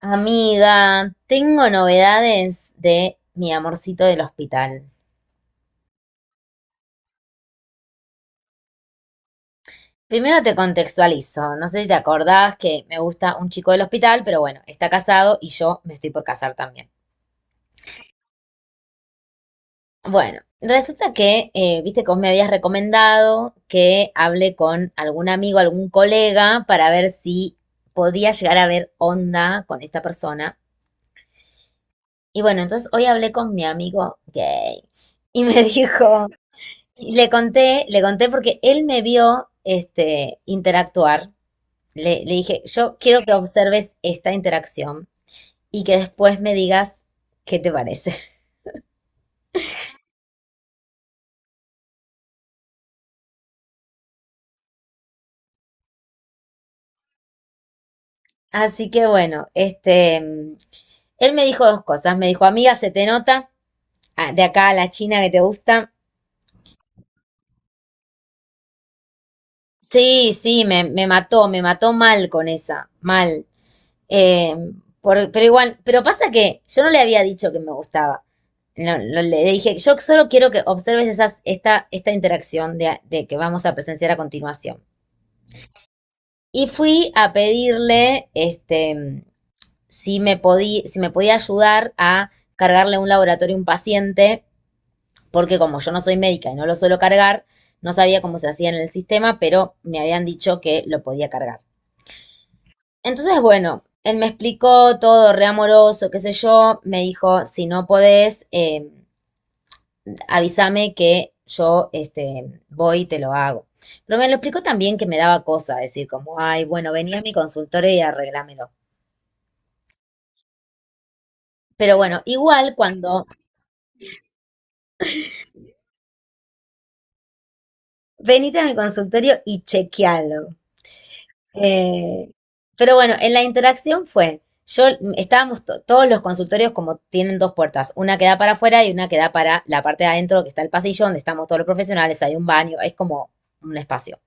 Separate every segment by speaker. Speaker 1: Amiga, tengo novedades de mi amorcito del hospital. Primero te contextualizo, no sé si te acordás que me gusta un chico del hospital, pero bueno, está casado y yo me estoy por casar también. Bueno, resulta que, viste que vos me habías recomendado que hable con algún amigo, algún colega, para ver si podía llegar a ver onda con esta persona. Y bueno, entonces hoy hablé con mi amigo gay y me dijo... Y le conté porque él me vio este, interactuar. Le dije, yo quiero que observes esta interacción y que después me digas qué te parece. Así que bueno, este, él me dijo dos cosas. Me dijo, amiga, se te nota de acá a la China que te gusta. Sí, sí, me mató mal con esa, mal. Eh, pero igual, pero pasa que yo no le había dicho que me gustaba. No, no le dije, yo solo quiero que observes esta interacción de que vamos a presenciar a continuación. Y fui a pedirle, este, si me podía, si me podía ayudar a cargarle a un laboratorio a un paciente, porque como yo no soy médica y no lo suelo cargar, no sabía cómo se hacía en el sistema, pero me habían dicho que lo podía cargar. Entonces, bueno, él me explicó todo, re amoroso, qué sé yo. Me dijo, si no podés, avísame que yo este, voy y te lo hago. Pero me lo explicó también que me daba cosa, decir como, ay, bueno, vení a mi consultorio y arreglámelo. Pero bueno, igual cuando venite a mi consultorio y chequealo. Eh, pero bueno, en la interacción fue, yo estábamos todos los consultorios como tienen dos puertas, una que da para afuera y una que da para la parte de adentro, que está el pasillo donde estamos todos los profesionales, hay un baño, es como un espacio.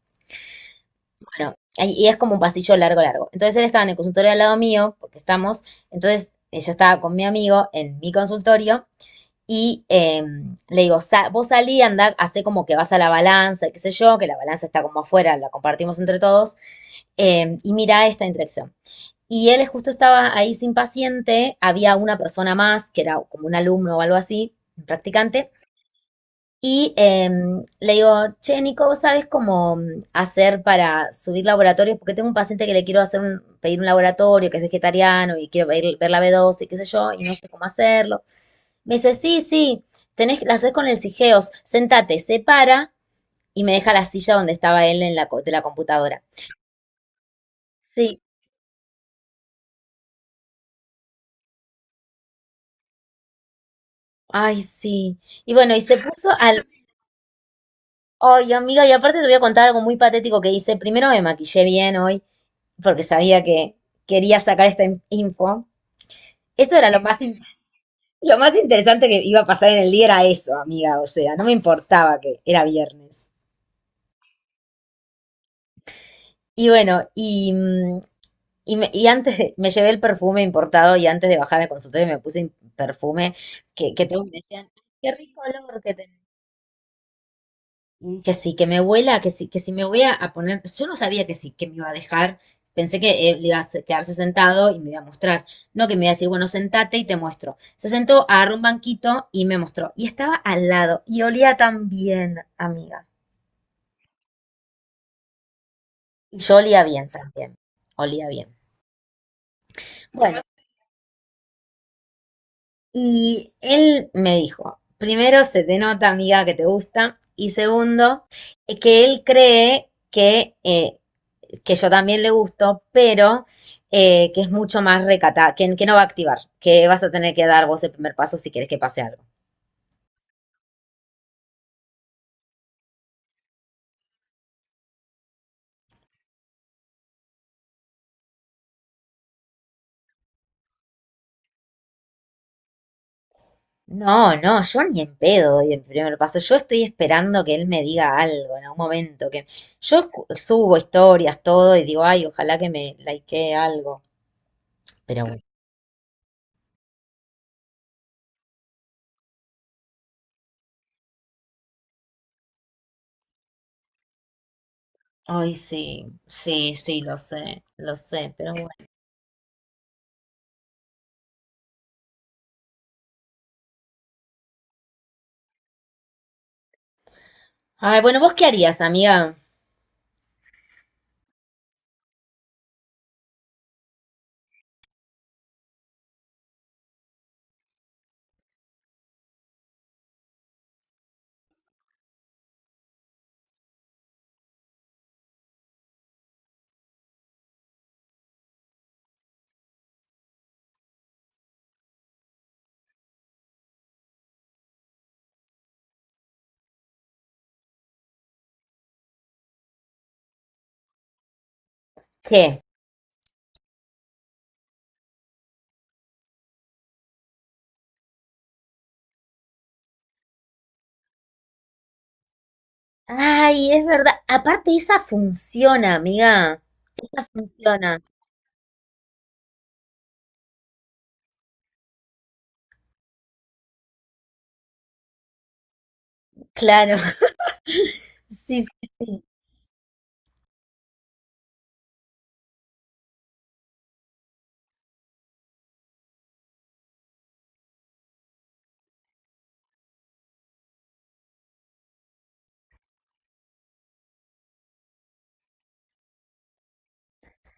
Speaker 1: Bueno, ahí- y es como un pasillo largo, largo. Entonces él estaba en el consultorio al lado mío, porque estamos, entonces yo estaba con mi amigo en mi consultorio y le digo, "Sa- vos salí, anda, hace como que vas a la balanza, qué sé yo, que la balanza está como afuera, la compartimos entre todos, y mira esta interacción. Y él justo estaba ahí sin paciente, había una persona más, que era como un alumno o algo así, un practicante, y le digo, che, Nico, ¿vos sabés cómo hacer para subir laboratorios? Porque tengo un paciente que le quiero hacer pedir un laboratorio, que es vegetariano y quiero ver la B12 y qué sé yo, y no sé cómo hacerlo. Me dice, sí, sí, tenés, la haces con el Sigeos, sentate, se para y me deja la silla donde estaba él en de la computadora. Sí, ay, sí. Y bueno, y se puso al... Ay, amiga, y aparte te voy a contar algo muy patético que hice. Primero me maquillé bien hoy porque sabía que quería sacar esta info. Eso era lo más, lo más interesante que iba a pasar en el día, era eso, amiga. O sea, no me importaba que era viernes. Y bueno, me llevé el perfume importado y antes de bajar al consultorio me puse perfume que todos me decían, qué rico olor que Mm. Que sí, que me vuela, que sí, que si me voy a poner, yo no sabía que sí, que me iba a dejar, pensé que él iba a quedarse sentado y me iba a mostrar, no que me iba a decir, bueno, sentate y te muestro. Se sentó, agarró un banquito y me mostró, y estaba al lado, y olía tan bien, amiga. Yo olía bien también, olía bien. Bueno, y él me dijo, primero se te nota amiga, que te gusta, y segundo, que él cree que yo también le gusto, pero que es mucho más recata, que no va a activar, que vas a tener que dar vos el primer paso si querés que pase algo. No, no, yo ni en pedo doy el primer paso. Yo estoy esperando que él me diga algo en algún momento. Que yo subo historias, todo, y digo, ay, ojalá que me likee algo. Pero bueno. Ay, sí, sí, sí, lo sé, pero bueno. Ay, bueno, ¿vos qué harías, amiga? ¿Qué? Ay, es verdad. Aparte, esa funciona, amiga. Esa funciona. Claro. Sí, sí, sí.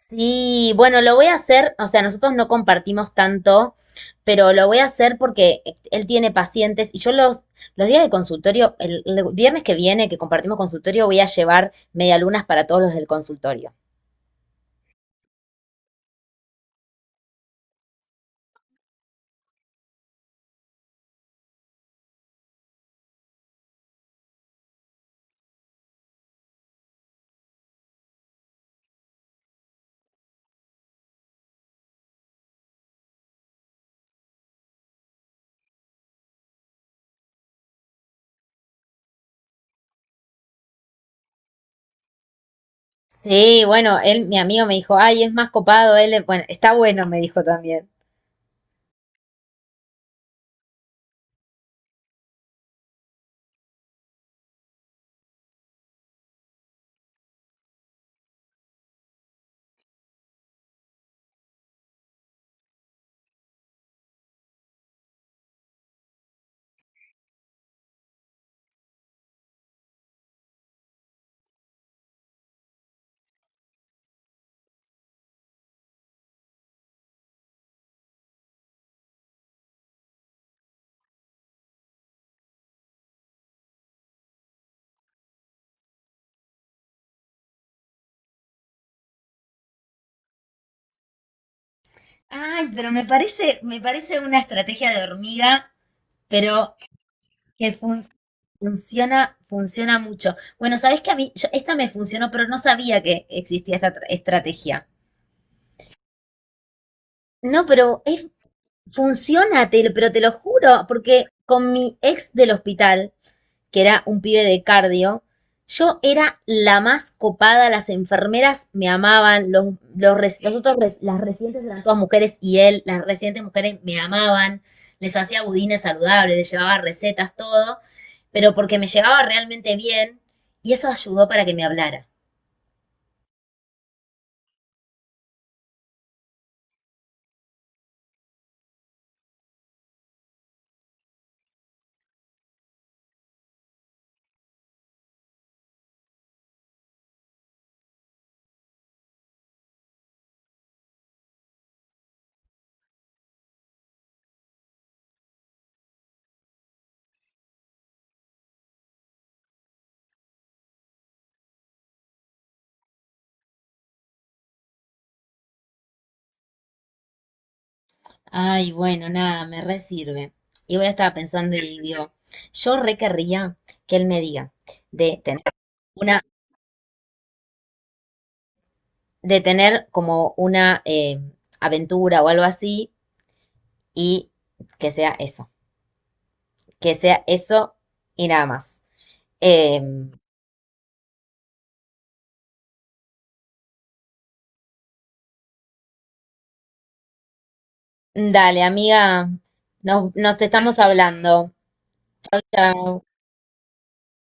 Speaker 1: Sí, bueno, lo voy a hacer. O sea, nosotros no compartimos tanto, pero lo voy a hacer porque él tiene pacientes y yo los días de consultorio, el viernes que viene que compartimos consultorio, voy a llevar medialunas para todos los del consultorio. Sí, bueno, él, mi amigo me dijo, ay, es más copado, él, bueno, está bueno, me dijo también. Ay, pero me parece una estrategia de hormiga, pero que funciona, funciona mucho. Bueno, sabes que a mí, yo- esta me funcionó, pero no sabía que existía esta estrategia. No, pero es, funciona, te lo- pero te lo juro, porque con mi ex del hospital, que era un pibe de cardio, yo era la más copada, las enfermeras me amaban, los otros las residentes eran todas mujeres y él, las residentes mujeres me amaban, les hacía budines saludables, les llevaba recetas, todo, pero porque me llevaba realmente bien y eso ayudó para que me hablara. Ay, bueno, nada, me re sirve. Y ahora estaba pensando y digo, yo re querría que él me diga de tener una de tener como una aventura o algo así y que sea eso, que sea eso y nada más. Eh, dale, amiga, nos, nos estamos hablando. Chau, chau.